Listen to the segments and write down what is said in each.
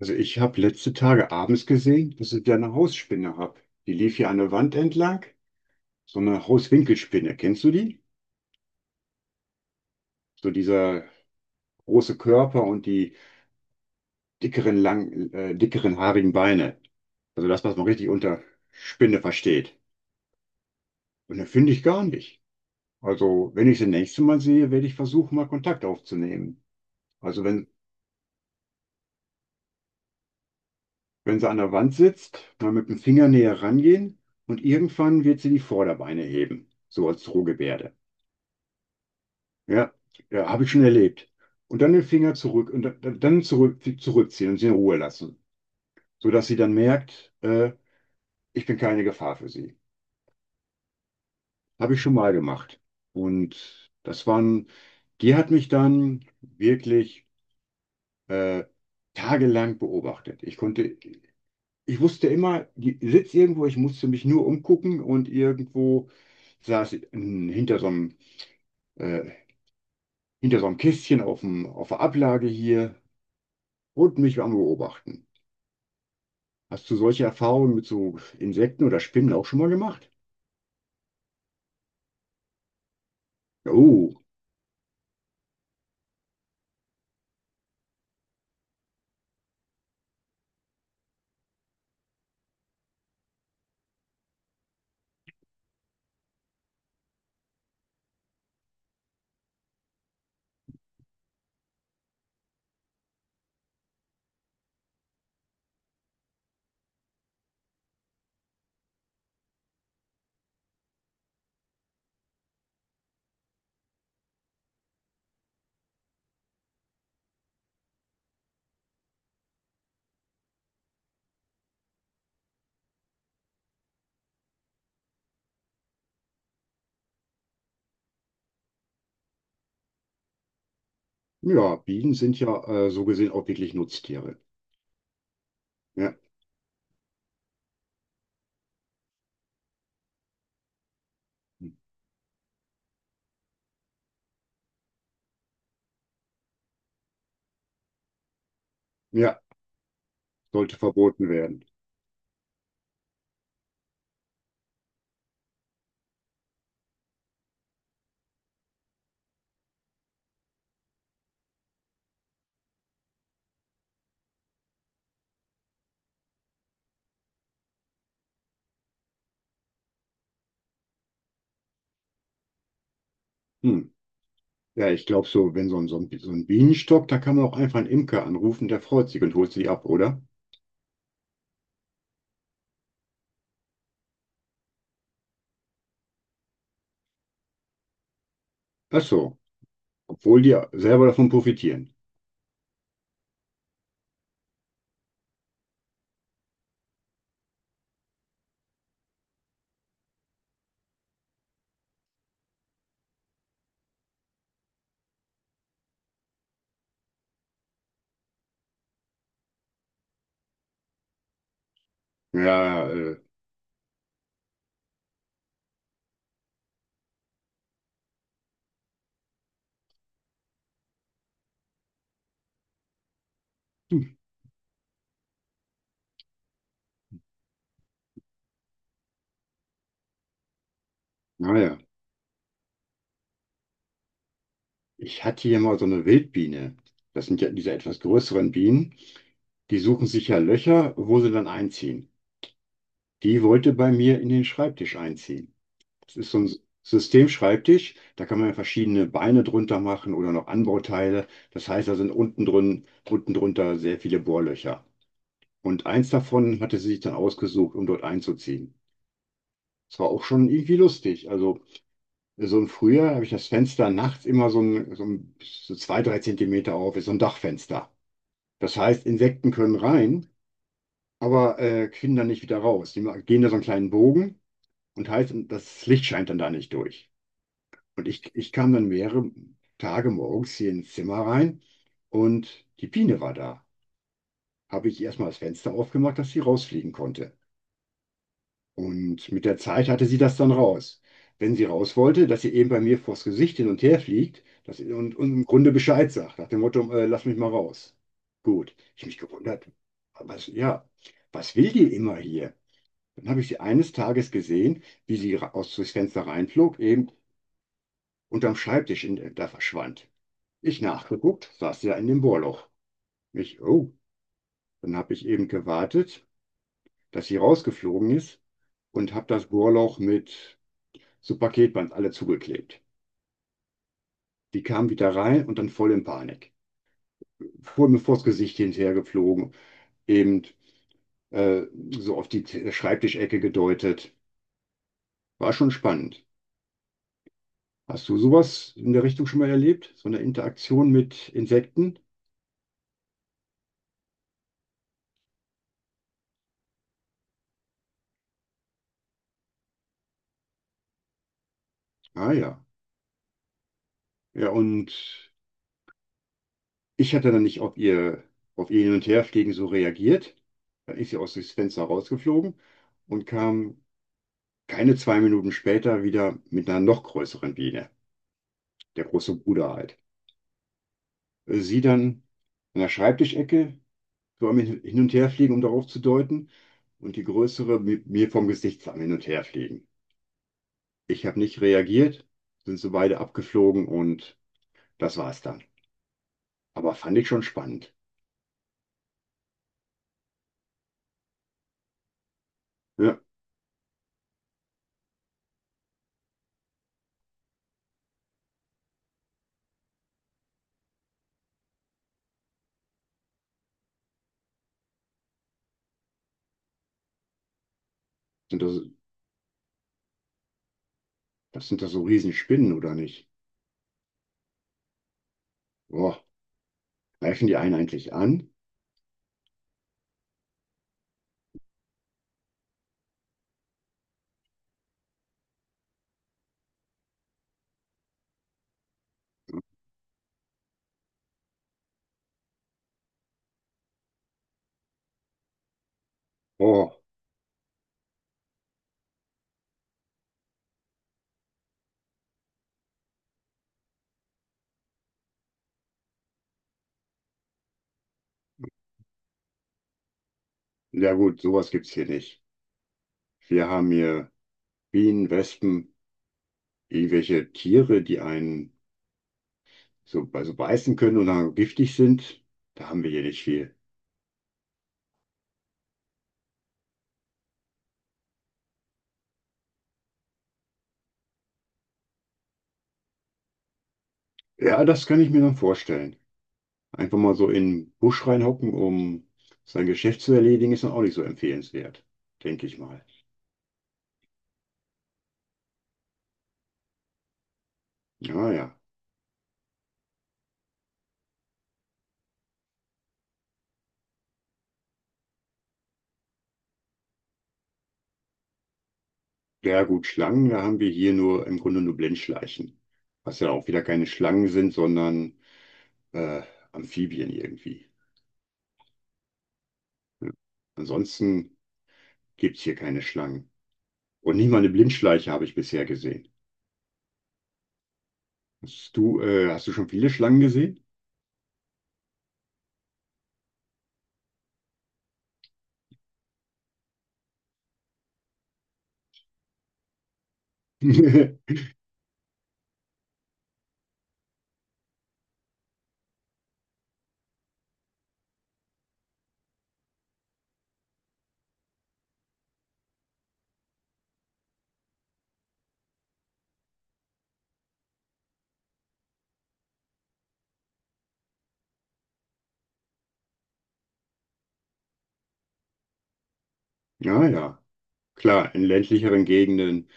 Also ich habe letzte Tage abends gesehen, dass ich da eine Hausspinne habe. Die lief hier an der Wand entlang. So eine Hauswinkelspinne. Kennst du die? So dieser große Körper und die dickeren, dickeren haarigen Beine. Also das, was man richtig unter Spinne versteht. Und das finde ich gar nicht. Also wenn ich sie nächste Mal sehe, werde ich versuchen, mal Kontakt aufzunehmen. Also wenn sie an der Wand sitzt, mal mit dem Finger näher rangehen und irgendwann wird sie die Vorderbeine heben. So als Drohgebärde. Ja, ja, habe ich schon erlebt. Und dann den Finger zurück und dann zurückziehen und sie in Ruhe lassen, sodass sie dann merkt, ich bin keine Gefahr für sie. Habe ich schon mal gemacht. Und das waren, die hat mich dann wirklich äh, tagelang beobachtet. Ich wusste immer, die sitzt irgendwo, ich musste mich nur umgucken und irgendwo saß sie hinter äh, hinter so einem Kästchen auf auf der Ablage hier und mich am Beobachten. Hast du solche Erfahrungen mit so Insekten oder Spinnen auch schon mal gemacht? Ja. Oh, ja, Bienen sind ja so gesehen auch wirklich Nutztiere. Ja, ja, sollte verboten werden. Hm. Ja, ich glaube so, wenn so ein Bienenstock, da kann man auch einfach einen Imker anrufen, der freut sich und holt sie ab, oder? Ach so, obwohl die selber davon profitieren. Ja, hm, naja. Ich hatte hier mal so eine Wildbiene. Das sind ja diese etwas größeren Bienen. Die suchen sich ja Löcher, wo sie dann einziehen. Die wollte bei mir in den Schreibtisch einziehen. Das ist so ein Systemschreibtisch, da kann man verschiedene Beine drunter machen oder noch Anbauteile. Das heißt, da sind unten drin, unten drunter sehr viele Bohrlöcher. Und eins davon hatte sie sich dann ausgesucht, um dort einzuziehen. Das war auch schon irgendwie lustig. Also so im Frühjahr habe ich das Fenster nachts immer so zwei, drei Zentimeter auf, ist so ein Dachfenster. Das heißt, Insekten können rein, aber finden dann nicht wieder raus. Gehen da so einen kleinen Bogen, und heißt, das Licht scheint dann da nicht durch. Und ich kam dann mehrere Tage morgens hier ins Zimmer rein und die Biene war da. Habe ich erstmal das Fenster aufgemacht, dass sie rausfliegen konnte. Und mit der Zeit hatte sie das dann raus. Wenn sie raus wollte, dass sie eben bei mir vors Gesicht hin und her fliegt, und im Grunde Bescheid sagt, nach dem Motto, lass mich mal raus. Gut, ich mich gewundert. Ja, was will die immer hier? Dann habe ich sie eines Tages gesehen, wie sie aus durchs Fenster reinflog, eben unterm Schreibtisch in, da verschwand. Ich nachgeguckt, saß sie ja in dem Bohrloch. Ich, oh, dann habe ich eben gewartet, dass sie rausgeflogen ist und habe das Bohrloch mit so Paketband alle zugeklebt. Die kam wieder rein und dann voll in Panik. Vor mir vors Gesicht hinterhergeflogen, eben äh, so auf die Schreibtischecke gedeutet. War schon spannend. Hast du sowas in der Richtung schon mal erlebt? So eine Interaktion mit Insekten? Ah ja. Ja, und ich hatte dann nicht auf auf ihr Hin- und Herfliegen so reagiert. Dann ist sie aus dem Fenster rausgeflogen und kam keine zwei Minuten später wieder mit einer noch größeren Biene, der große Bruder halt. Sie dann an der Schreibtischecke, so am Hin- und Herfliegen, um darauf zu deuten, und die größere mir vom Gesicht am Hin- und Herfliegen. Ich habe nicht reagiert, sind so beide abgeflogen und das war's dann. Aber fand ich schon spannend. Ja, sind das, das sind doch so Riesenspinnen, oder nicht? Boah. Greifen die einen eigentlich an? Oh, ja gut, sowas gibt's hier nicht. Wir haben hier Bienen, Wespen, irgendwelche Tiere, die einen so, also beißen können und dann giftig sind. Da haben wir hier nicht viel. Ja, das kann ich mir dann vorstellen. Einfach mal so in den Busch reinhocken, um sein Geschäft zu erledigen, ist dann auch nicht so empfehlenswert, denke ich mal. Ja, ja. Ja gut, Schlangen, da haben wir hier nur im Grunde nur Blindschleichen. Was ja auch wieder keine Schlangen sind, sondern äh, Amphibien irgendwie. Ansonsten gibt es hier keine Schlangen. Und nicht mal eine Blindschleiche habe ich bisher gesehen. Hast du schon viele Schlangen gesehen? Ja, ja, klar, in ländlicheren Gegenden,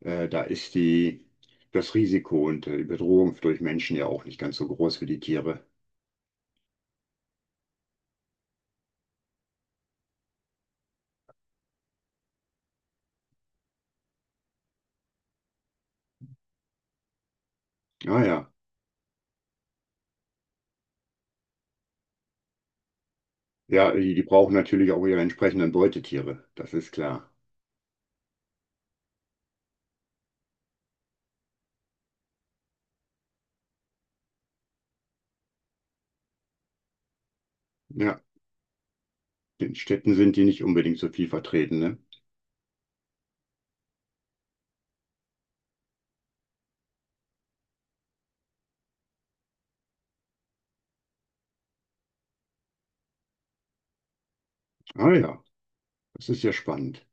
da ist das Risiko und die Bedrohung durch Menschen ja auch nicht ganz so groß wie die Tiere. Ja, ja, ja, die brauchen natürlich auch ihre entsprechenden Beutetiere, das ist klar. Ja, in Städten sind die nicht unbedingt so viel vertreten, ne? Ah ja, das ist ja spannend.